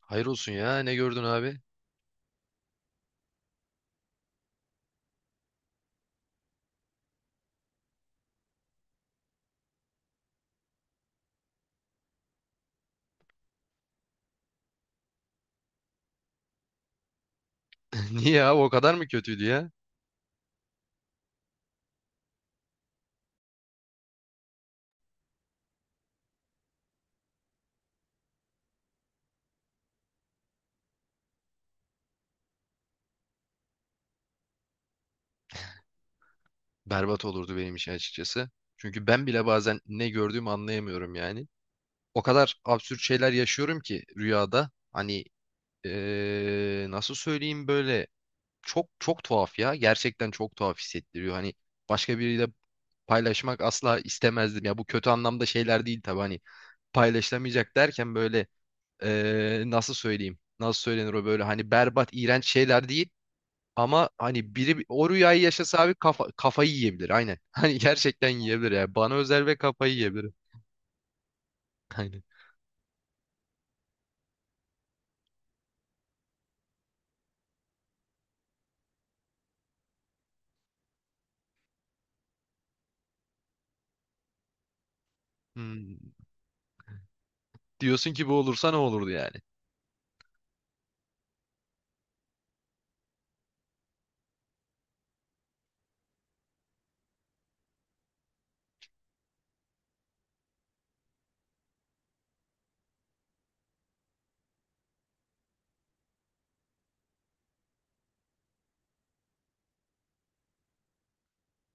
Hayır olsun ya. Ne gördün abi? Niye abi o kadar mı kötüydü ya? Berbat olurdu benim için açıkçası. Çünkü ben bile bazen ne gördüğümü anlayamıyorum yani. O kadar absürt şeyler yaşıyorum ki rüyada. Nasıl söyleyeyim böyle çok çok tuhaf ya. Gerçekten çok tuhaf hissettiriyor. Hani başka biriyle paylaşmak asla istemezdim. Ya bu kötü anlamda şeyler değil tabii. Hani paylaşılamayacak derken böyle, nasıl söyleyeyim? Nasıl söylenir o böyle hani berbat, iğrenç şeyler değil. Ama hani biri o rüyayı yaşasa abi kafayı yiyebilir aynen. Hani gerçekten yiyebilir yani. Bana özel ve kafayı yiyebilir. Aynen. Hmm. Diyorsun ki bu olursa ne olurdu yani?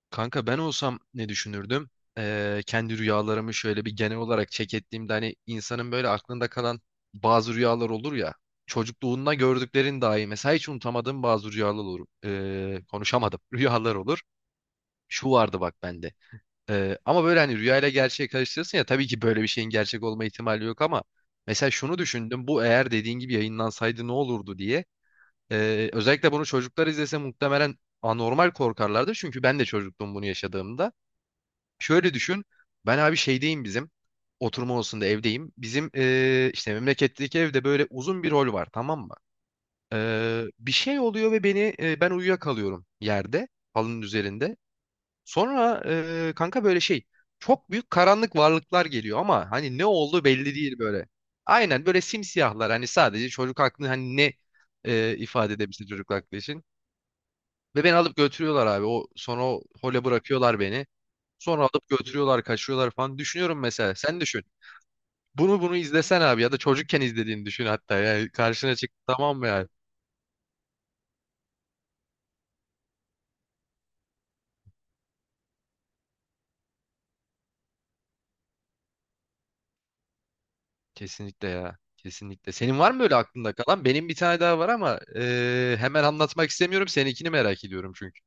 Kanka ben olsam ne düşünürdüm? Kendi rüyalarımı şöyle bir genel olarak check ettiğimde hani insanın böyle aklında kalan bazı rüyalar olur ya. Çocukluğunda gördüklerin dahi mesela hiç unutamadığım bazı rüyalar olur. Konuşamadım. Rüyalar olur. Şu vardı bak bende. Ama böyle hani rüyayla gerçeği karıştırırsın ya, tabii ki böyle bir şeyin gerçek olma ihtimali yok, ama mesela şunu düşündüm, bu eğer dediğin gibi yayınlansaydı ne olurdu diye. Özellikle bunu çocuklar izlese muhtemelen anormal korkarlardı, çünkü ben de çocuktum bunu yaşadığımda. Şöyle düşün, ben abi şeydeyim, bizim oturma odasında, evdeyim. Bizim işte memleketteki evde böyle uzun bir rol var, tamam mı? Bir şey oluyor ve ben uyuyakalıyorum yerde, halının üzerinde. Sonra kanka böyle şey, çok büyük karanlık varlıklar geliyor ama hani ne oldu belli değil böyle. Aynen böyle simsiyahlar, hani sadece çocuk aklını hani ifade edebilsin çocuk aklı için. Ve beni alıp götürüyorlar abi, o sonra o hole bırakıyorlar beni. Sonra alıp götürüyorlar, kaçıyorlar falan, düşünüyorum mesela, sen düşün. Bunu izlesen abi, ya da çocukken izlediğini düşün hatta, yani karşına çıktı tamam mı yani. Kesinlikle ya. Kesinlikle. Senin var mı öyle aklında kalan? Benim bir tane daha var ama hemen anlatmak istemiyorum. Seninkini merak ediyorum çünkü.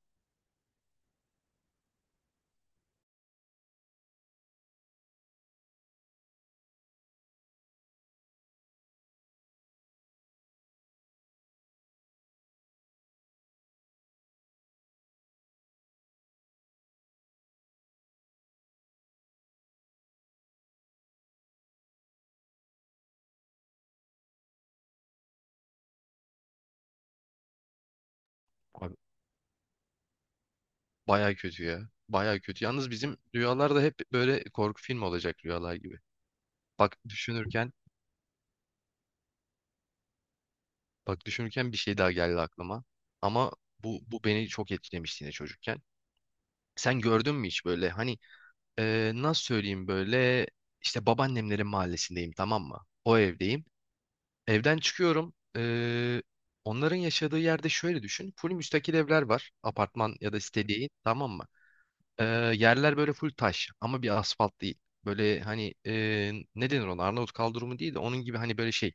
Abi, baya kötü ya. Baya kötü. Yalnız bizim rüyalar da hep böyle korku filmi olacak rüyalar gibi. Bak düşünürken, bak düşünürken, bir şey daha geldi aklıma. Ama bu beni çok etkilemişti yine çocukken. Sen gördün mü hiç böyle hani, nasıl söyleyeyim böyle, işte babaannemlerin mahallesindeyim, tamam mı? O evdeyim. Evden çıkıyorum. Onların yaşadığı yerde şöyle düşün. Full müstakil evler var. Apartman ya da site değil. Tamam mı? Ee, Yerler böyle full taş ama bir asfalt değil. Böyle hani ne denir ona? Arnavut kaldırımı değil de onun gibi hani böyle şey.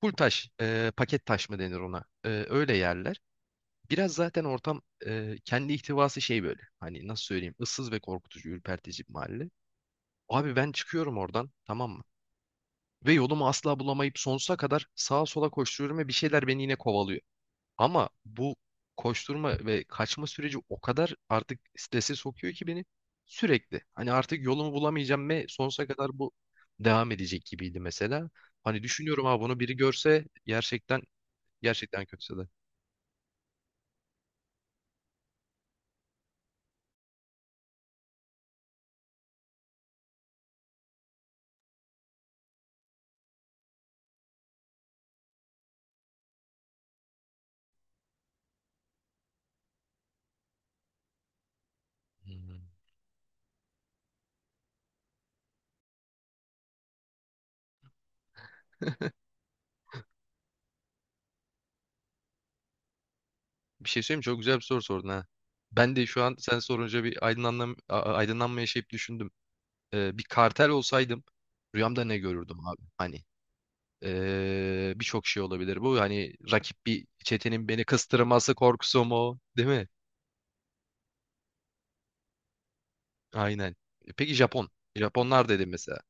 Full taş, paket taş mı denir ona? Öyle yerler. Biraz zaten ortam, kendi ihtivası şey böyle. Hani nasıl söyleyeyim? Issız ve korkutucu, ürpertici bir mahalle. Abi ben çıkıyorum oradan, tamam mı? Ve yolumu asla bulamayıp sonsuza kadar sağa sola koşturuyorum ve bir şeyler beni yine kovalıyor. Ama bu koşturma ve kaçma süreci o kadar artık strese sokuyor ki beni sürekli. Hani artık yolumu bulamayacağım ve sonsuza kadar bu devam edecek gibiydi mesela. Hani düşünüyorum, ha bunu biri görse gerçekten gerçekten kötüse de. Hmm. Bir şey söyleyeyim mi? Çok güzel bir soru sordun ha. Ben de şu an sen sorunca bir aydınlanma yaşayıp düşündüm. Bir kartel olsaydım rüyamda ne görürdüm abi? Hani birçok şey olabilir bu. Hani rakip bir çetenin beni kıstırması korkusu mu? Değil mi? Aynen. E, peki Japon. Japonlar dedim mesela.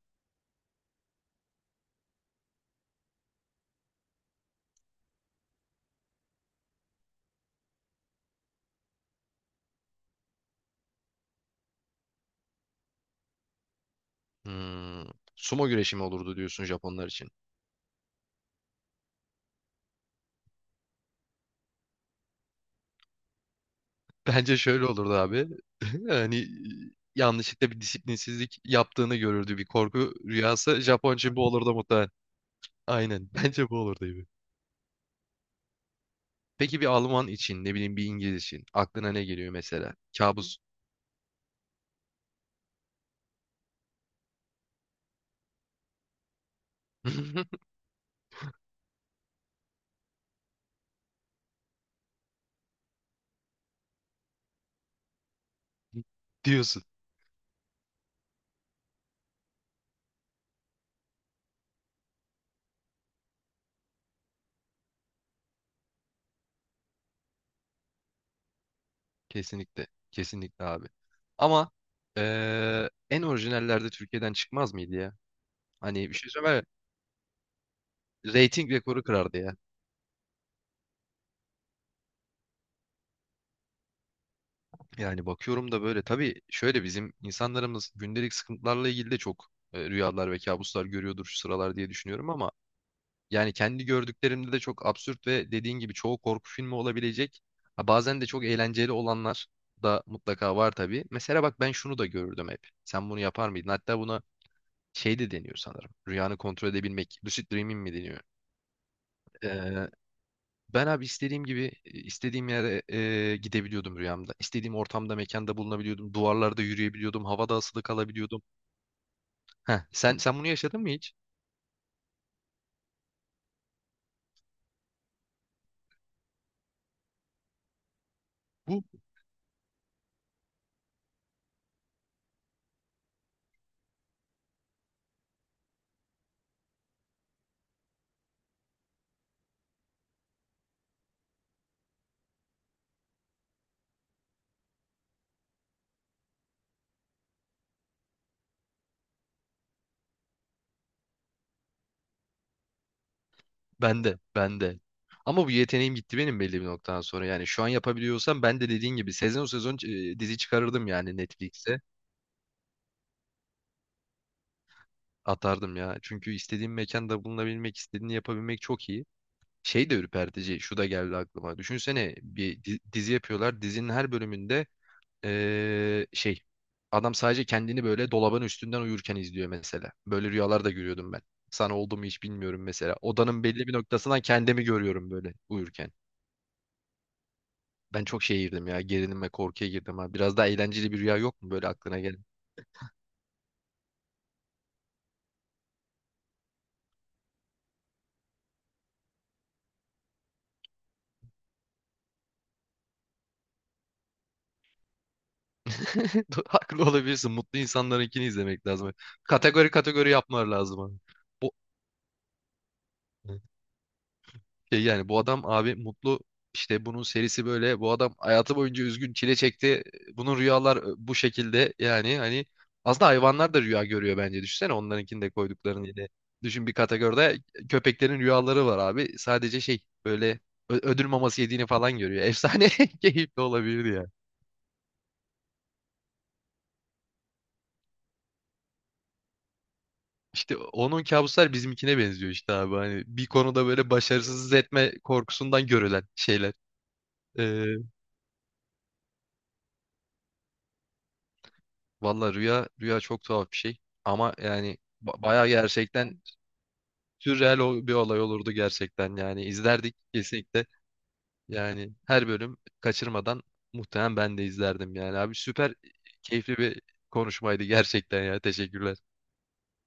Hmm, sumo güreşi mi olurdu diyorsun Japonlar için? Bence şöyle olurdu abi. Hani yanlışlıkla bir disiplinsizlik yaptığını görürdü, bir korku rüyası. Japon için bu olurdu muhtemelen. Aynen. Bence bu olurdu gibi. Peki bir Alman için, ne bileyim, bir İngiliz için aklına ne geliyor mesela? Kabus. diyorsun. Kesinlikle. Kesinlikle abi. Ama en orijinallerde Türkiye'den çıkmaz mıydı ya? Hani bir şey söyleme. Rating rekoru kırardı ya. Yani bakıyorum da böyle tabii şöyle, bizim insanlarımız gündelik sıkıntılarla ilgili de çok rüyalar ve kabuslar görüyordur şu sıralar diye düşünüyorum ama yani kendi gördüklerimde de çok absürt ve dediğin gibi çoğu korku filmi olabilecek. Ha, bazen de çok eğlenceli olanlar da mutlaka var tabii. Mesela bak ben şunu da görürdüm hep. Sen bunu yapar mıydın? Hatta buna şey de deniyor sanırım. Rüyanı kontrol edebilmek. Lucid Dreaming mi deniyor? Ee, Ben abi istediğim gibi istediğim yere gidebiliyordum rüyamda. İstediğim ortamda, mekanda bulunabiliyordum. Duvarlarda yürüyebiliyordum. Havada asılı kalabiliyordum. Heh, sen bunu yaşadın mı hiç? Bu bende, bende. Ama bu yeteneğim gitti benim belli bir noktadan sonra. Yani şu an yapabiliyorsam ben de dediğin gibi sezon sezon dizi çıkarırdım yani Netflix'e. Atardım ya. Çünkü istediğim mekanda bulunabilmek, istediğini yapabilmek çok iyi. Şey de ürpertici. Şu da geldi aklıma. Düşünsene bir dizi yapıyorlar. Dizinin her bölümünde eee, şey adam sadece kendini böyle dolabın üstünden uyurken izliyor mesela. Böyle rüyalar da görüyordum ben. Sana oldu mu hiç bilmiyorum mesela. Odanın belli bir noktasından kendimi görüyorum böyle uyurken. Ben çok şeye girdim ya. Gerilim ve korkuya girdim ha. Biraz daha eğlenceli bir rüya yok mu böyle aklına gelen? Haklı olabilirsin. Mutlu insanlarınkini izlemek lazım. Kategori kategori yapmalar lazım, abi. Şey yani, bu adam abi mutlu, işte bunun serisi böyle, bu adam hayatı boyunca üzgün, çile çekti. Bunun rüyalar, bu şekilde yani hani aslında hayvanlar da rüya görüyor bence, düşünsene onlarınkini de koyduklarını yine. Düşün, bir kategoride köpeklerin rüyaları var abi, sadece şey böyle, ödül maması yediğini falan görüyor. Efsane keyifli olabilir ya. İşte onun kabuslar bizimkine benziyor işte abi, hani bir konuda böyle başarısız etme korkusundan görülen şeyler. Ee, Valla rüya rüya çok tuhaf bir şey ama yani bayağı gerçekten sürreal bir olay olurdu gerçekten, yani izlerdik kesinlikle, yani her bölüm kaçırmadan muhtemelen ben de izlerdim yani abi, süper keyifli bir konuşmaydı gerçekten ya, teşekkürler.